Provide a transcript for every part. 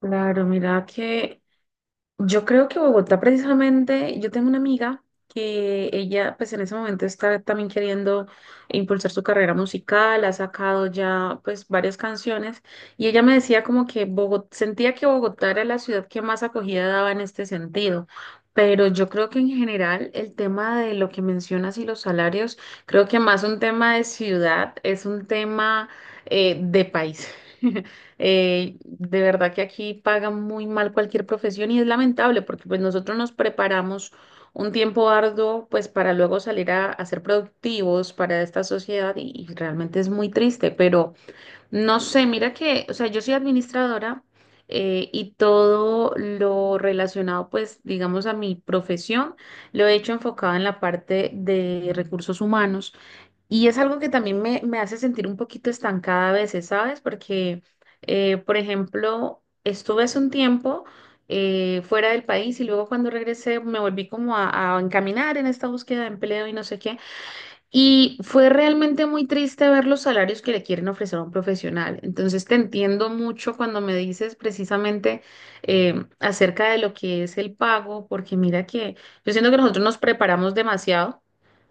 Claro, mira que yo creo que Bogotá precisamente, yo tengo una amiga que ella pues en ese momento está también queriendo impulsar su carrera musical, ha sacado ya pues varias canciones y ella me decía como que Bogot sentía que Bogotá era la ciudad que más acogida daba en este sentido, pero yo creo que en general el tema de lo que mencionas y los salarios, creo que más un tema de ciudad es un tema de país. De verdad que aquí pagan muy mal cualquier profesión y es lamentable porque pues nosotros nos preparamos un tiempo arduo pues para luego salir a ser productivos para esta sociedad y realmente es muy triste, pero no sé, mira que, o sea, yo soy administradora y todo lo relacionado pues digamos a mi profesión lo he hecho enfocado en la parte de recursos humanos. Y es algo que también me hace sentir un poquito estancada a veces, ¿sabes? Porque, por ejemplo, estuve hace un tiempo fuera del país y luego cuando regresé me volví como a encaminar en esta búsqueda de empleo y no sé qué. Y fue realmente muy triste ver los salarios que le quieren ofrecer a un profesional. Entonces te entiendo mucho cuando me dices precisamente acerca de lo que es el pago, porque mira que yo siento que nosotros nos preparamos demasiado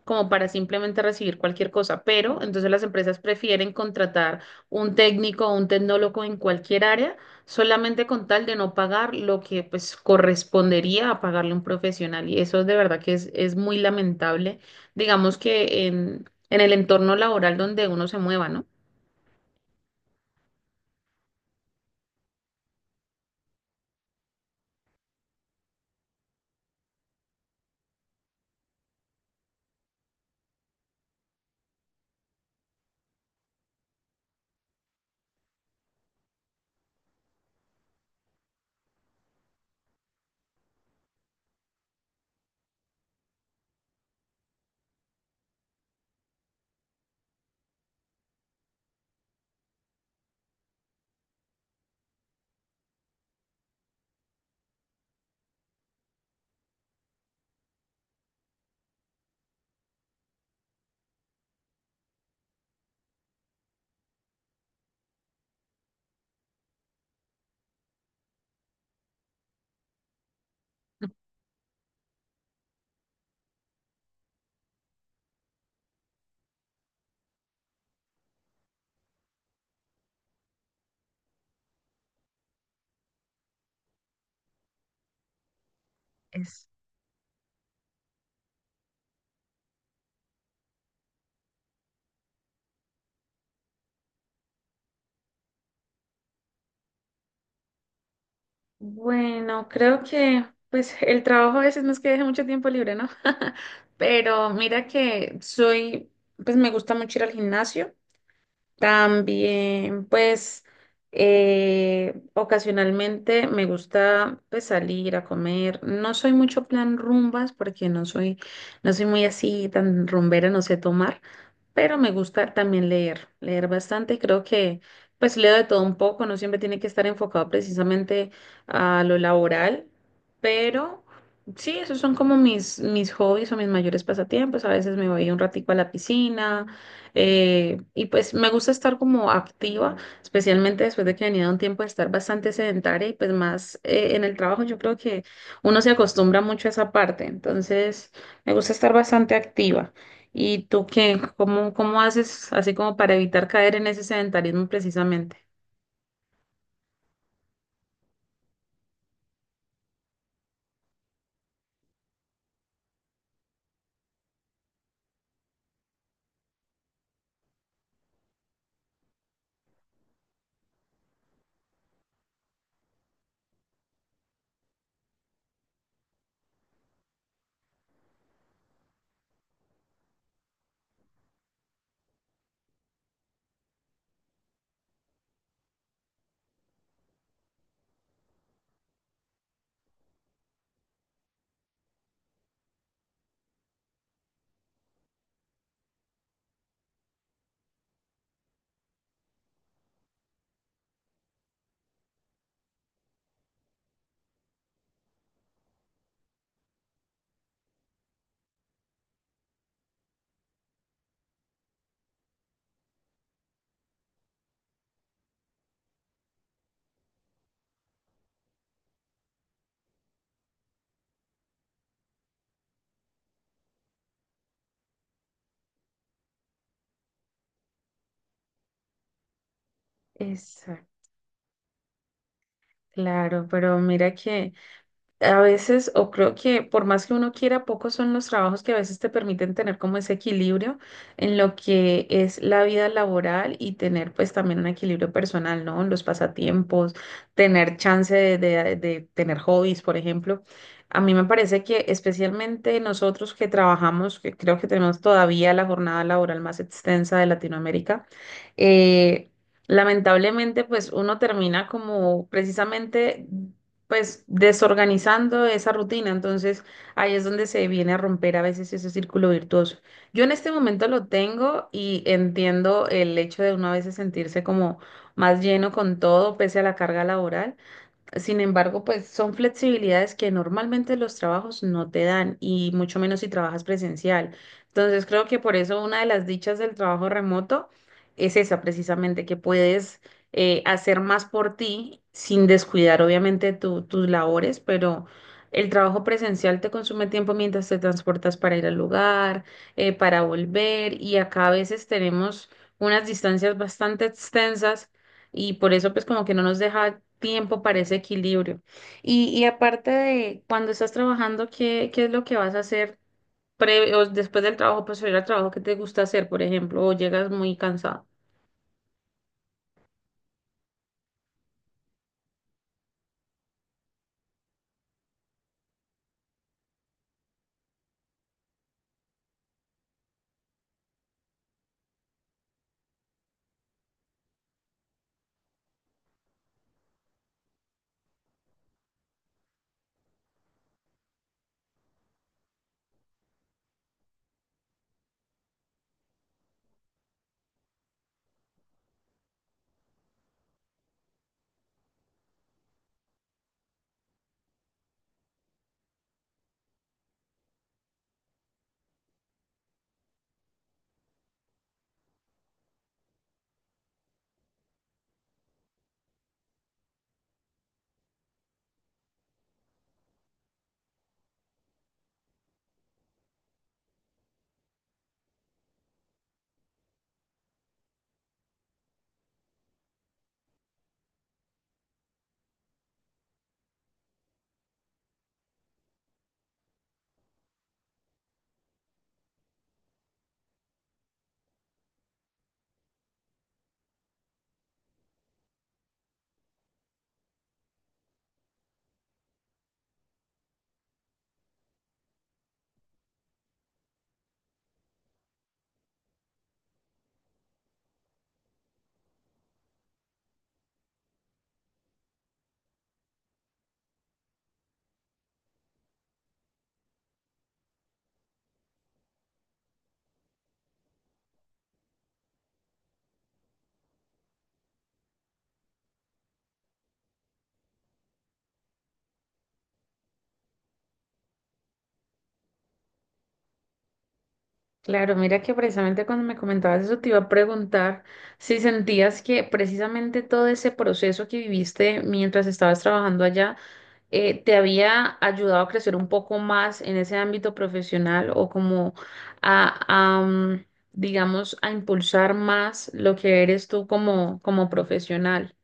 como para simplemente recibir cualquier cosa, pero entonces las empresas prefieren contratar un técnico o un tecnólogo en cualquier área solamente con tal de no pagar lo que pues correspondería a pagarle un profesional y eso de verdad que es muy lamentable, digamos que en el entorno laboral donde uno se mueva, ¿no? Es, Bueno, creo que pues el trabajo a veces no es que deje mucho tiempo libre, ¿no? Pero mira que soy, pues me gusta mucho ir al gimnasio. También, pues, ocasionalmente me gusta pues, salir a comer. No soy mucho plan rumbas porque no soy, no soy muy así tan rumbera, no sé tomar, pero me gusta también leer, leer bastante. Creo que pues leo de todo un poco, no siempre tiene que estar enfocado precisamente a lo laboral, pero sí, esos son como mis, mis hobbies o mis mayores pasatiempos. A veces me voy un ratico a la piscina y pues me gusta estar como activa, especialmente después de que venía de un tiempo de estar bastante sedentaria y pues más en el trabajo yo creo que uno se acostumbra mucho a esa parte, entonces me gusta estar bastante activa. ¿Y tú qué? ¿Cómo, cómo haces así como para evitar caer en ese sedentarismo precisamente? Exacto, claro, pero mira que... A veces, o creo que por más que uno quiera, pocos son los trabajos que a veces te permiten tener como ese equilibrio en lo que es la vida laboral y tener pues también un equilibrio personal, ¿no? Los pasatiempos, tener chance de tener hobbies, por ejemplo. A mí me parece que especialmente nosotros que trabajamos, que creo que tenemos todavía la jornada laboral más extensa de Latinoamérica, eh, lamentablemente, pues uno termina como precisamente pues desorganizando esa rutina. Entonces ahí es donde se viene a romper a veces ese círculo virtuoso. Yo en este momento lo tengo y entiendo el hecho de uno a veces sentirse como más lleno con todo pese a la carga laboral. Sin embargo, pues son flexibilidades que normalmente los trabajos no te dan y mucho menos si trabajas presencial. Entonces, creo que por eso una de las dichas del trabajo remoto es esa precisamente, que puedes hacer más por ti sin descuidar obviamente tu- tus labores, pero el trabajo presencial te consume tiempo mientras te transportas para ir al lugar, para volver y acá a veces tenemos unas distancias bastante extensas y por eso pues como que no nos deja tiempo para ese equilibrio. Y aparte de cuando estás trabajando, ¿qué, qué es lo que vas a hacer pre- o después del trabajo, pues ir al trabajo que te gusta hacer, por ejemplo, o llegas muy cansado? Claro, mira que precisamente cuando me comentabas eso te iba a preguntar si sentías que precisamente todo ese proceso que viviste mientras estabas trabajando allá te había ayudado a crecer un poco más en ese ámbito profesional o como a, digamos, a impulsar más lo que eres tú como, como profesional.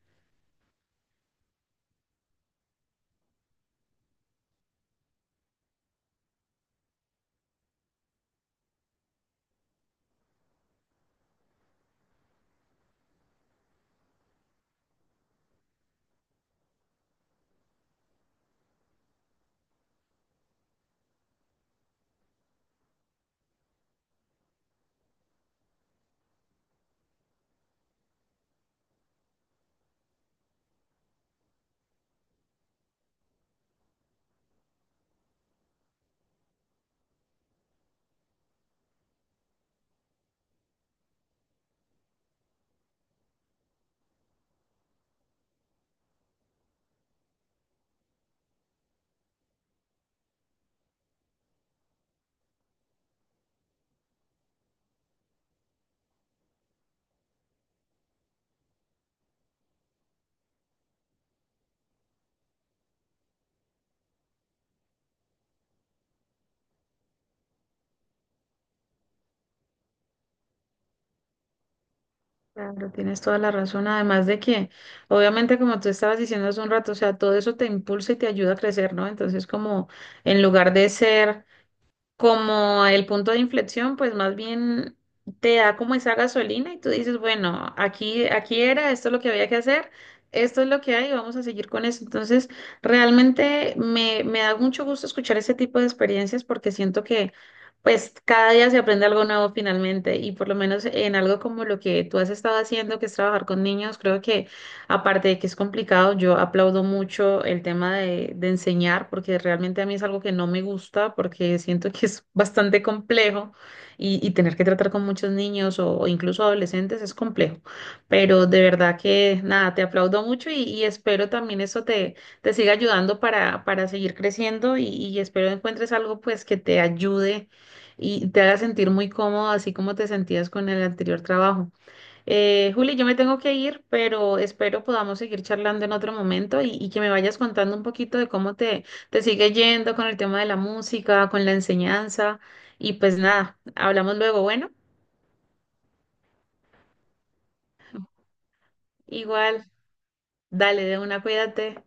Claro, tienes toda la razón. Además de que, obviamente, como tú estabas diciendo hace un rato, o sea, todo eso te impulsa y te ayuda a crecer, ¿no? Entonces, como en lugar de ser como el punto de inflexión, pues más bien te da como esa gasolina y tú dices, bueno, aquí, aquí era, esto es lo que había que hacer, esto es lo que hay, vamos a seguir con eso. Entonces, realmente me da mucho gusto escuchar ese tipo de experiencias porque siento que pues cada día se aprende algo nuevo finalmente y por lo menos en algo como lo que tú has estado haciendo, que es trabajar con niños, creo que aparte de que es complicado, yo aplaudo mucho el tema de enseñar, porque realmente a mí es algo que no me gusta, porque siento que es bastante complejo y tener que tratar con muchos niños o incluso adolescentes es complejo. Pero de verdad que nada, te aplaudo mucho y espero también eso te, te siga ayudando para seguir creciendo y espero encuentres algo pues que te ayude y te haga sentir muy cómodo, así como te sentías con el anterior trabajo. Juli, yo me tengo que ir, pero espero podamos seguir charlando en otro momento y que me vayas contando un poquito de cómo te, te sigue yendo con el tema de la música, con la enseñanza. Y pues nada, hablamos luego. Bueno, igual, dale de una, cuídate.